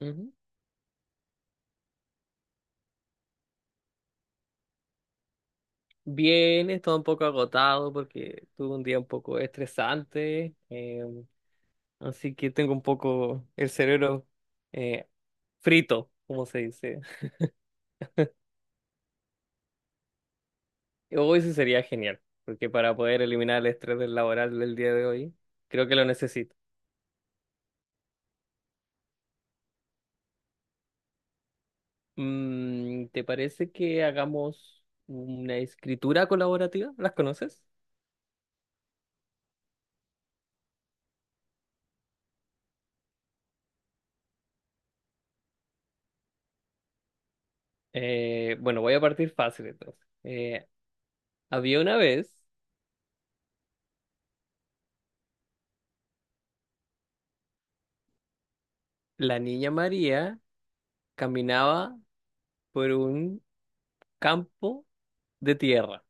Ujú. Bien, estaba un poco agotado porque tuve un día un poco estresante, así que tengo un poco el cerebro eh, frito, como se dice. Hoy sí sería genial, porque para poder eliminar el estrés del laboral del día de hoy, creo que lo necesito. Mm, ¿te parece que hagamos una escritura colaborativa? ¿Las conoces? Bueno, voy a partir fácil entonces. Había una vez, la niña María caminaba por un campo de tierra,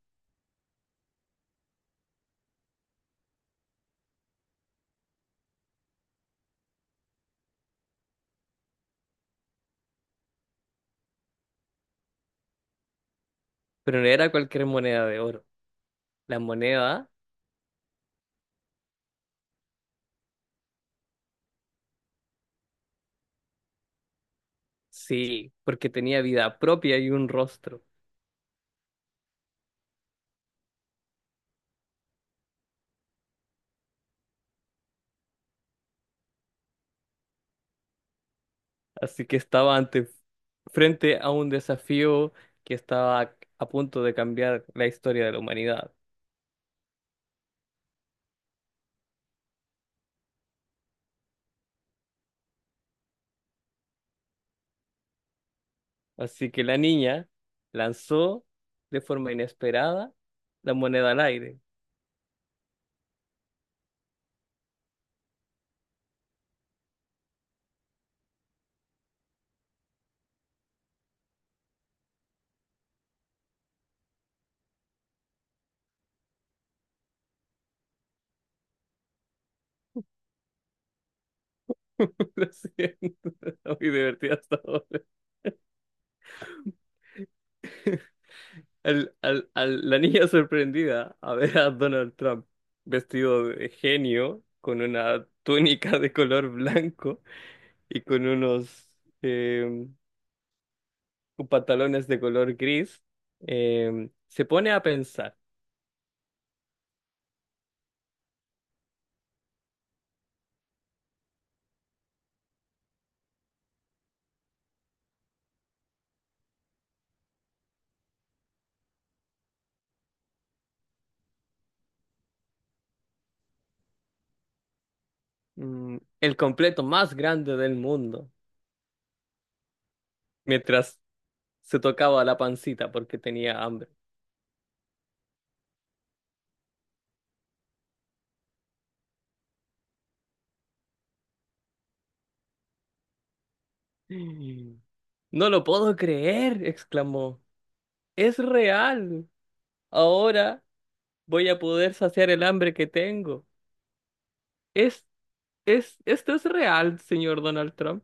pero no era cualquier moneda de oro. La moneda, sí, porque tenía vida propia y un rostro. Así que frente a un desafío que estaba a punto de cambiar la historia de la humanidad. Así que la niña lanzó de forma inesperada la moneda al aire. Lo siento, muy divertida hasta ahora. La niña sorprendida a ver a Donald Trump vestido de genio, con una túnica de color blanco y con unos eh, pantalones de color gris, se pone a pensar, mm, el completo más grande del mundo, mientras se tocaba la pancita porque tenía hambre. Mm. No lo puedo creer, exclamó. Es real. Ahora voy a poder saciar el hambre que tengo. Es, esto es real, señor Donald Trump.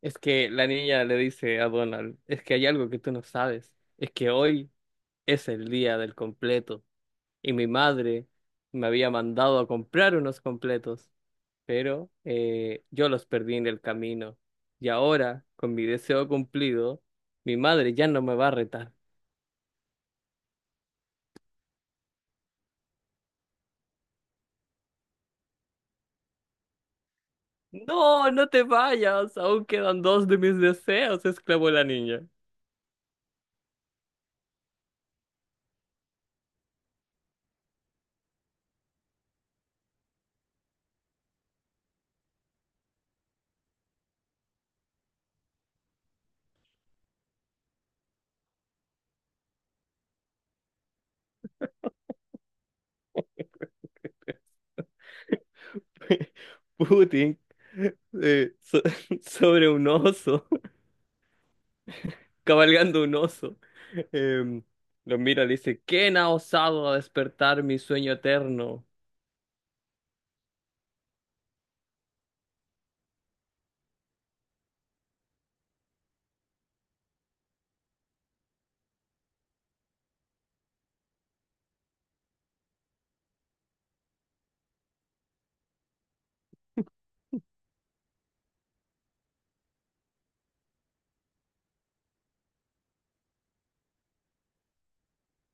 Es que la niña le dice a Donald, es que hay algo que tú no sabes, es que hoy es el día del completo y mi madre me había mandado a comprar unos completos, pero yo los perdí en el camino. Y ahora, con mi deseo cumplido, mi madre ya no me va a retar. No, no te vayas, aún quedan dos de mis deseos, exclamó la niña. Putin, eh, so- sobre un oso, cabalgando un oso, em, lo mira y dice, ¿quién ha osado a despertar mi sueño eterno?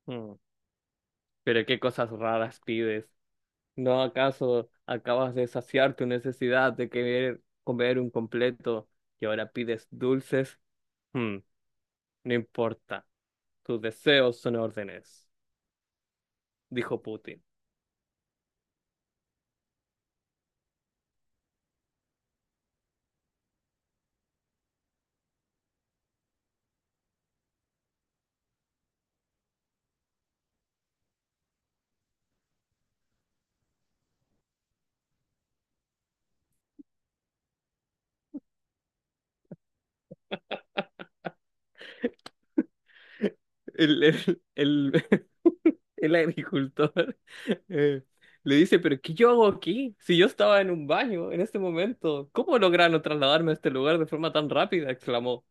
Mm, pero qué cosas raras pides. ¿No acaso acabas de saciar tu necesidad de querer comer un completo y ahora pides dulces? Hmm, no importa, tus deseos son órdenes, dijo Putin. El, el, el- el agricultor eh, le dice, pero ¿qué yo hago aquí? Si yo estaba en un baño en este momento, ¿cómo lograron trasladarme a este lugar de forma tan rápida?, exclamó.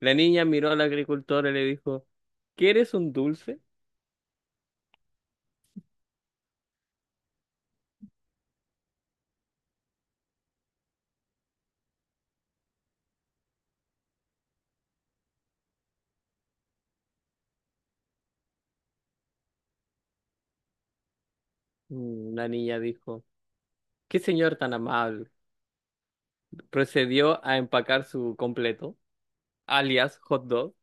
La niña miró al agricultor y le dijo, ¿quieres un dulce? Mm, la niña dijo. Qué señor tan amable. Procedió a empacar su completo, alias hot dog,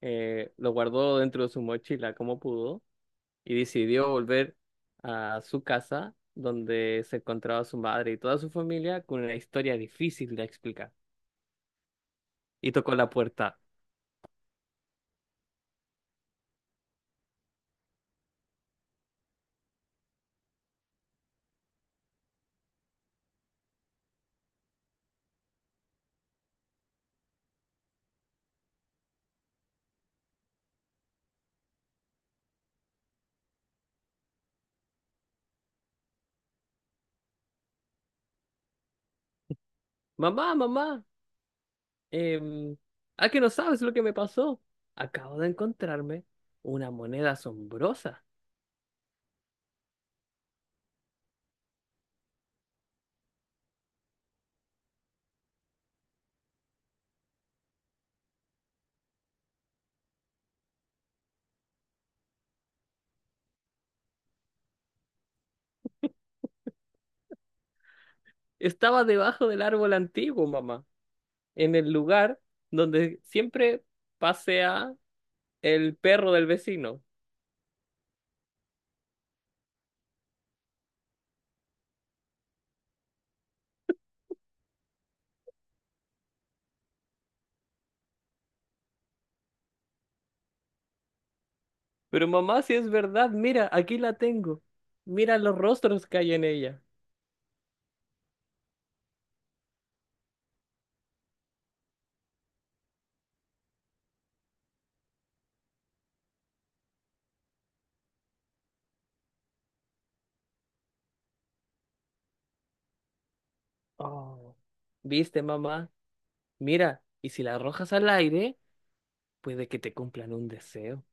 lo guardó dentro de su mochila como pudo y decidió volver a su casa donde se encontraba su madre y toda su familia con una historia difícil de explicar. Y tocó la puerta. Mamá, mamá, em, ¿a que no sabes lo que me pasó? Acabo de encontrarme una moneda asombrosa. Estaba debajo del árbol antiguo, mamá, en el lugar donde siempre pasea el perro del vecino. Pero mamá, si es verdad, mira, aquí la tengo. Mira los rostros que hay en ella. Oh. ¿Viste, mamá? Mira, y si la arrojas al aire, puede que te cumplan un deseo.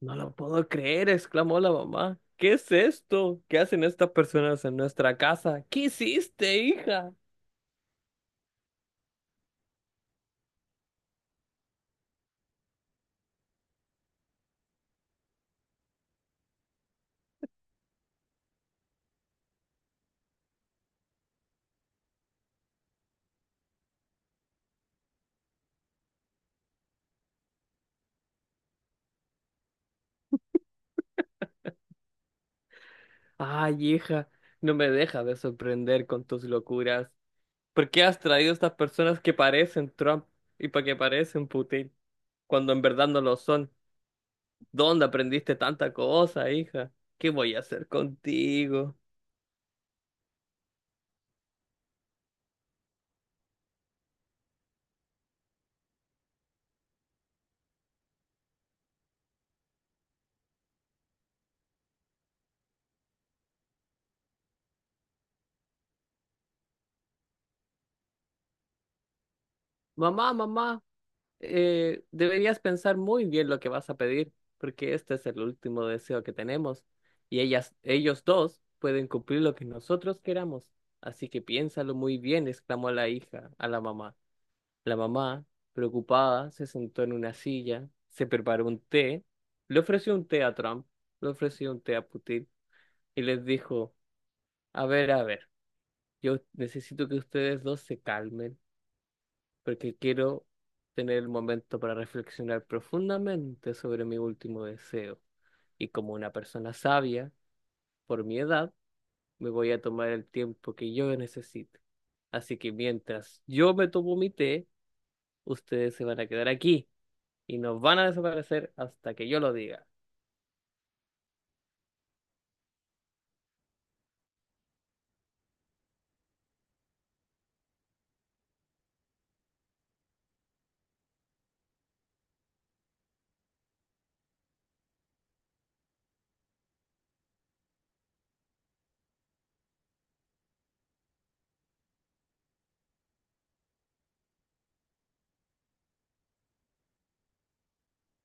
No lo puedo creer, exclamó la mamá. ¿Qué es esto? ¿Qué hacen estas personas en nuestra casa? ¿Qué hiciste, hija? Ay, hija, no me dejas de sorprender con tus locuras. ¿Por qué has traído estas personas que parecen Trump y para que parecen Putin cuando en verdad no lo son? ¿Dónde aprendiste tanta cosa, hija? ¿Qué voy a hacer contigo? Mamá, mamá, deberías pensar muy bien lo que vas a pedir, porque este es el último deseo que tenemos y ellos dos pueden cumplir lo que nosotros queramos. Así que piénsalo muy bien, exclamó la hija a la mamá. La mamá, preocupada, se sentó en una silla, se preparó un té, le ofreció un té a Trump, le ofreció un té a Putin y les dijo, a ver, yo necesito que ustedes dos se calmen porque quiero tener el momento para reflexionar profundamente sobre mi último deseo. Y como una persona sabia, por mi edad, me voy a tomar el tiempo que yo necesite. Así que mientras yo me tomo mi té, ustedes se van a quedar aquí y nos van a desaparecer hasta que yo lo diga.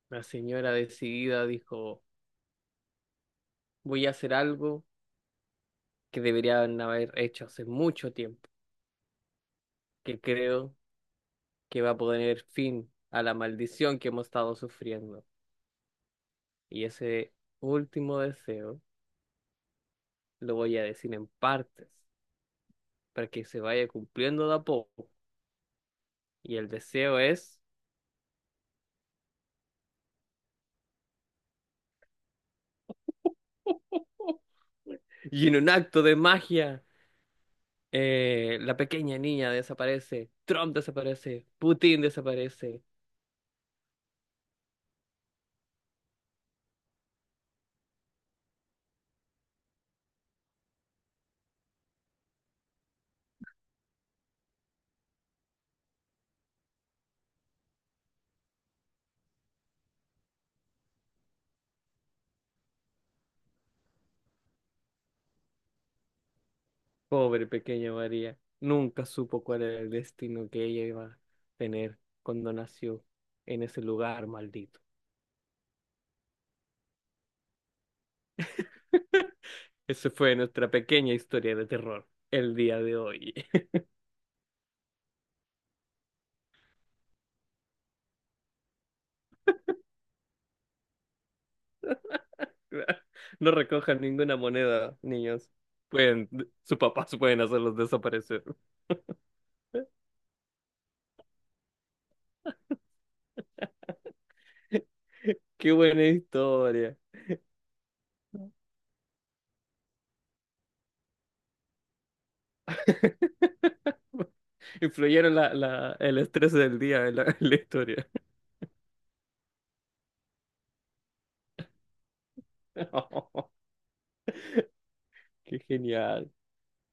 La señora decidida dijo, voy a hacer algo que deberían haber hecho hace mucho tiempo, que creo que va a poner fin a la maldición que hemos estado sufriendo. Y ese último deseo lo voy a decir en partes, para que se vaya cumpliendo de a poco. Y el deseo es, y en un acto de magia, la pequeña niña desaparece, Trump desaparece, Putin desaparece. Pobre pequeña María, nunca supo cuál era el destino que ella iba a tener cuando nació en ese lugar maldito. Esa fue nuestra pequeña historia de terror el día de hoy. No recojan ninguna moneda, niños. Pueden, sus papás pueden hacerlos desaparecer. Qué buena historia. Influyeron el estrés del día en en la historia. Qué genial.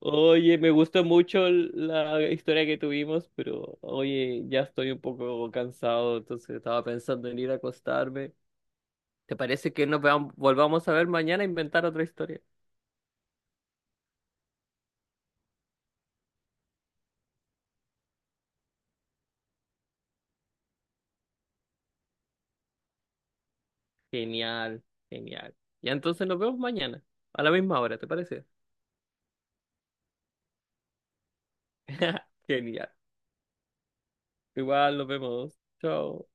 Oye, me gustó mucho la historia que tuvimos, pero oye, ya estoy un poco cansado, entonces estaba pensando en ir a acostarme. ¿Te parece que nos volvamos a ver mañana e inventar otra historia? Genial, genial. Ya entonces nos vemos mañana, a la misma hora, ¿te parece? Genial. Igual nos vemos. Chao.